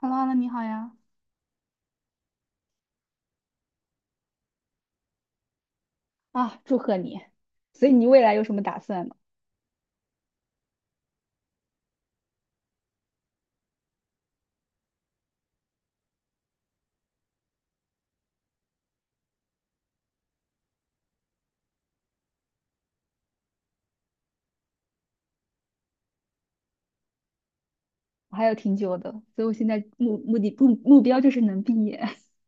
h e l l o h 你好呀！啊，祝贺你！所以你未来有什么打算呢？我还有挺久的，所以我现在目目的目目标就是能毕业。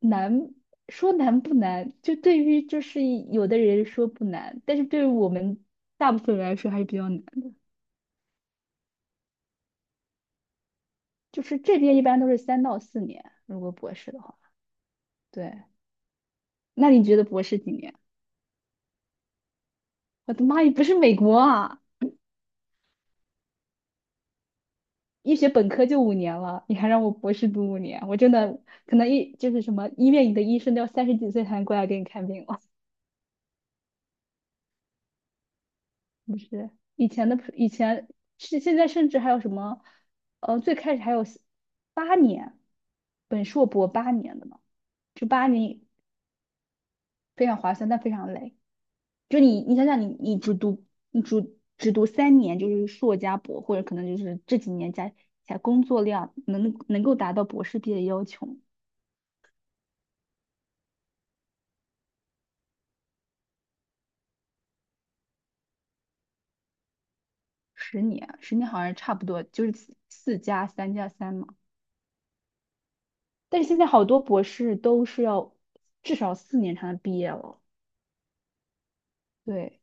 难说难不难，对于有的人说不难，但是对于我们大部分人来说还是比较难的。就是这边一般都是三到四年，如果博士的话。对，那你觉得博士几年？我的妈呀，不是美国啊！医学本科就五年了，你还让我博士读五年，我真的可能一就是什么医院里的医生都要三十几岁才能过来给你看病了。不是以前的以前，是现在甚至还有什么，最开始还有八年，本硕博八年的嘛，就八年非常划算，但非常累。就你想想你只读你只读三年，就是硕加博，或者可能就是这几年加起来工作量能够达到博士毕业要求。十年，十年好像差不多，就是四加三加三嘛。但是现在好多博士都是要至少四年才能毕业了。对，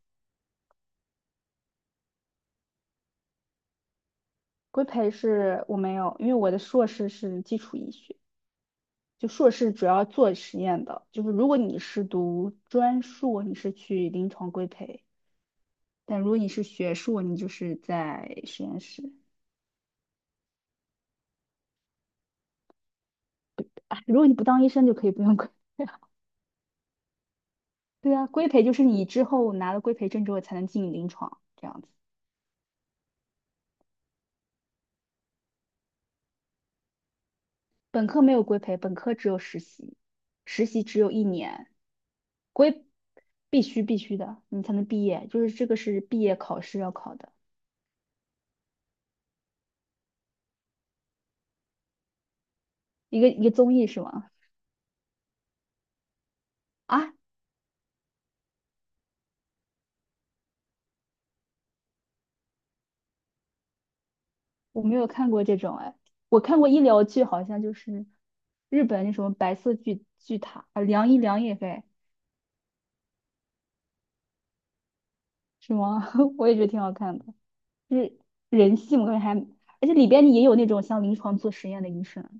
规培是我没有，因为我的硕士是基础医学，就硕士主要做实验的。就是如果你是读专硕，你是去临床规培；但如果你是学硕，你就是在实验室。啊，如果你不当医生，就可以不用规。培。对啊，规培就是你之后拿了规培证之后才能进临床，这样子。本科没有规培，本科只有实习，实习只有一年，规必须的，你才能毕业，就是这个是毕业考试要考的一个综艺是吗？啊，我没有看过这种哎，我看过医疗剧，好像就是日本那什么白色巨塔，啊，良医良也妃是吗？我也觉得挺好看的，就是人性，我感觉还，而且里边也有那种像临床做实验的医生，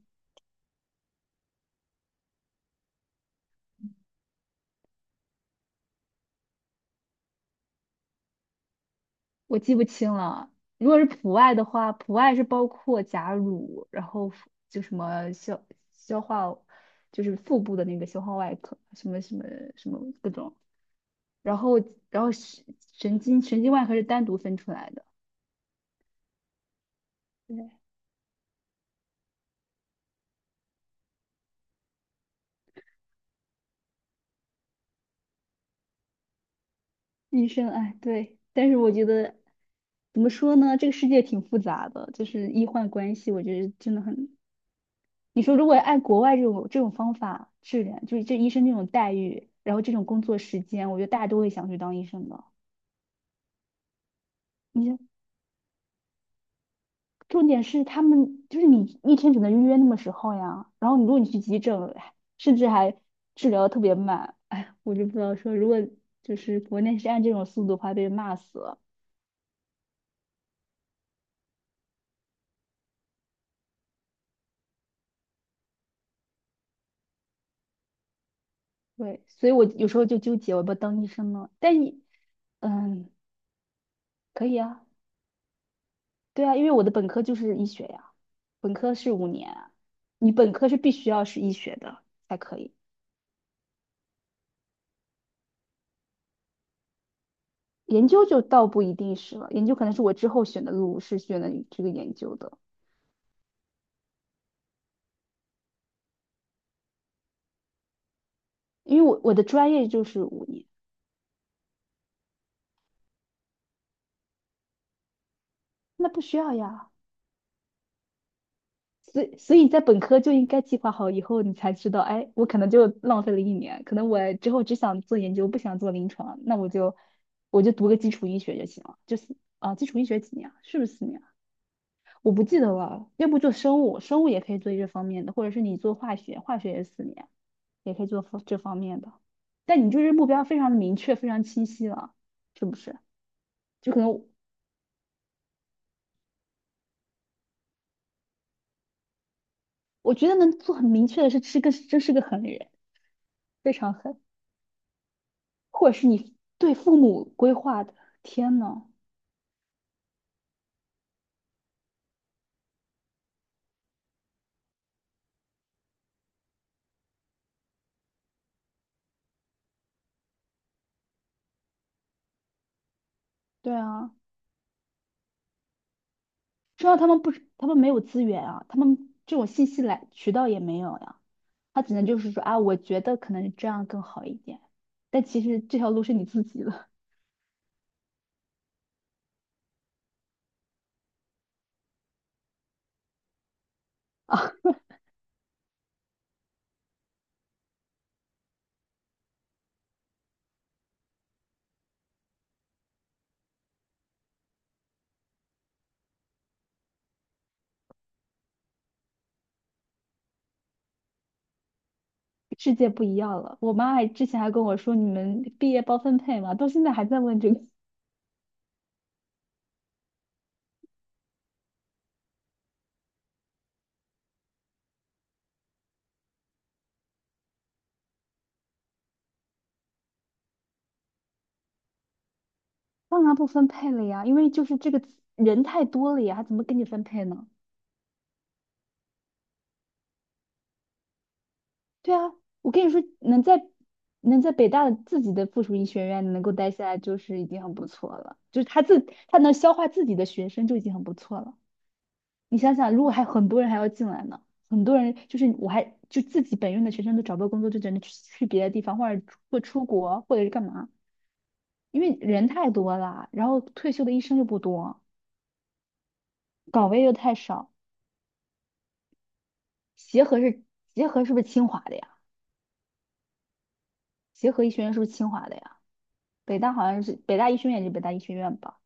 我记不清了。如果是普外的话，普外是包括甲乳，然后腹就什么消化，就是腹部的那个消化外科，什么各种。然后然后神经外科是单独分出来的。对，医生，哎，对。但是我觉得怎么说呢，这个世界挺复杂的，就是医患关系，我觉得真的很，你说如果按国外这种方法治疗，就是这医生这种待遇，然后这种工作时间，我觉得大家都会想去当医生的。你重点是他们就是你一天只能预约那么时候呀，然后如果你去急诊，哎甚至还治疗得特别慢，哎，我就不知道说如果就是国内是按这种速度的话，被人骂死了。对，所以我有时候就纠结，我要不要当医生呢？但你，嗯，可以啊，对啊，因为我的本科就是医学呀，本科是五年啊。你本科是必须要是医学的才可以，研究就倒不一定是了，研究可能是我之后选的路是选的这个研究的，因为我的专业就是五年，那不需要呀，所以你在本科就应该计划好以后，你才知道，哎，我可能就浪费了一年，可能我之后只想做研究，不想做临床，那我就读个基础医学就行了，就是啊，基础医学几年啊？是不是四年啊？我不记得了，要不做生物，生物也可以做这方面的，或者是你做化学，化学也是四年，也可以做方这方面的。但你就是目标非常的明确，非常清晰了，是不是？就可能我觉得能做很明确的是，是个真是个狠人，非常狠，或者是你对父母规划的。天呐，对啊，说到他们不，他们没有资源啊，他们这种信息来渠道也没有呀，他只能就是说啊，我觉得可能这样更好一点，但其实这条路是你自己的。啊。世界不一样了。我妈还之前还跟我说，你们毕业包分配吗？到现在还在问这个。当然不分配了呀，因为就是这个人太多了呀，还怎么给你分配呢？对啊，我跟你说，能在北大的自己的附属医学院能够待下来，就是已经很不错了。就是他自他能消化自己的学生就已经很不错了。你想想，如果还很多人还要进来呢，很多人就是我还就自己本院的学生都找不到工作，就只能去别的地方，或者或出国，或者是干嘛。因为人太多了，然后退休的医生又不多，岗位又太少。协和是不是清华的呀？协和医学院是不是清华的呀？北大好像是北大医学院，就北大医学院吧？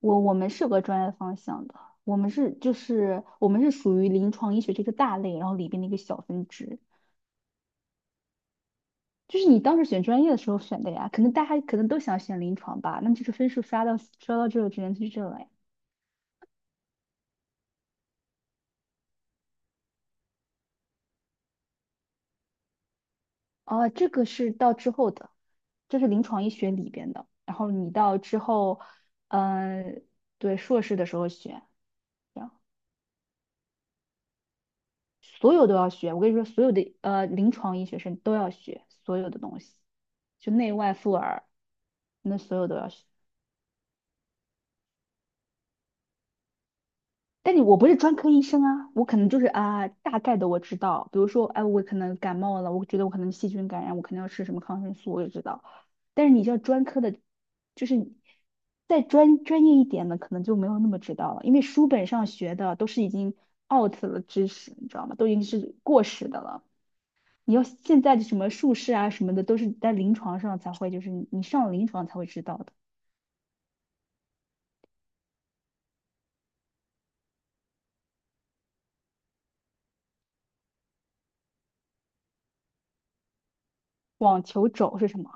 我们是有个专业方向的，我们是属于临床医学这个大类，然后里边的一个小分支。就是你当时选专业的时候选的呀，可能大家可能都想选临床吧，那就是分数刷到这个只能去这了呀。哦，这个是到之后的，这是临床医学里边的。然后你到之后，嗯、对，硕士的时候学，这样所有都要学。我跟你说，所有的临床医学生都要学所有的东西，就内外妇儿，那所有都要学。但你我不是专科医生啊，我可能就是啊，大概的我知道，比如说，哎，我可能感冒了，我觉得我可能细菌感染，我肯定要吃什么抗生素，我也知道。但是你像专科的，就是你再专业一点的，可能就没有那么知道了，因为书本上学的都是已经 out 了知识，你知道吗？都已经是过时的了。你要现在的什么术士啊什么的，都是在临床上才会，就是你上了临床才会知道的。网球肘是什么？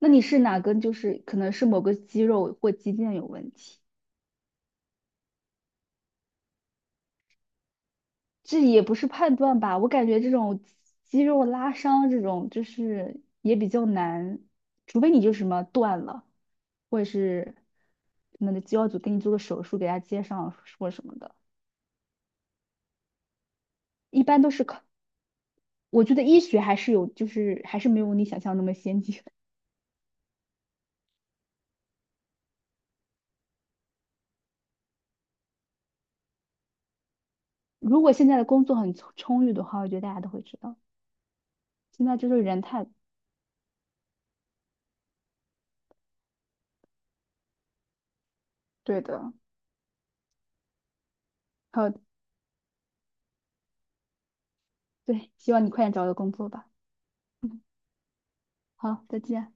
那你是哪根？就是可能是某个肌肉或肌腱有问题，这也不是判断吧？我感觉这种肌肉拉伤这种就是也比较难，除非你就什么断了，或者是可能的肌肉组给你做个手术，给他接上或什么的，一般都是靠。我觉得医学还是有，就是还是没有你想象那么先进。如果现在的工作很充裕的话，我觉得大家都会知道。现在就是人太，对的，好，对，希望你快点找个工作吧。好，再见。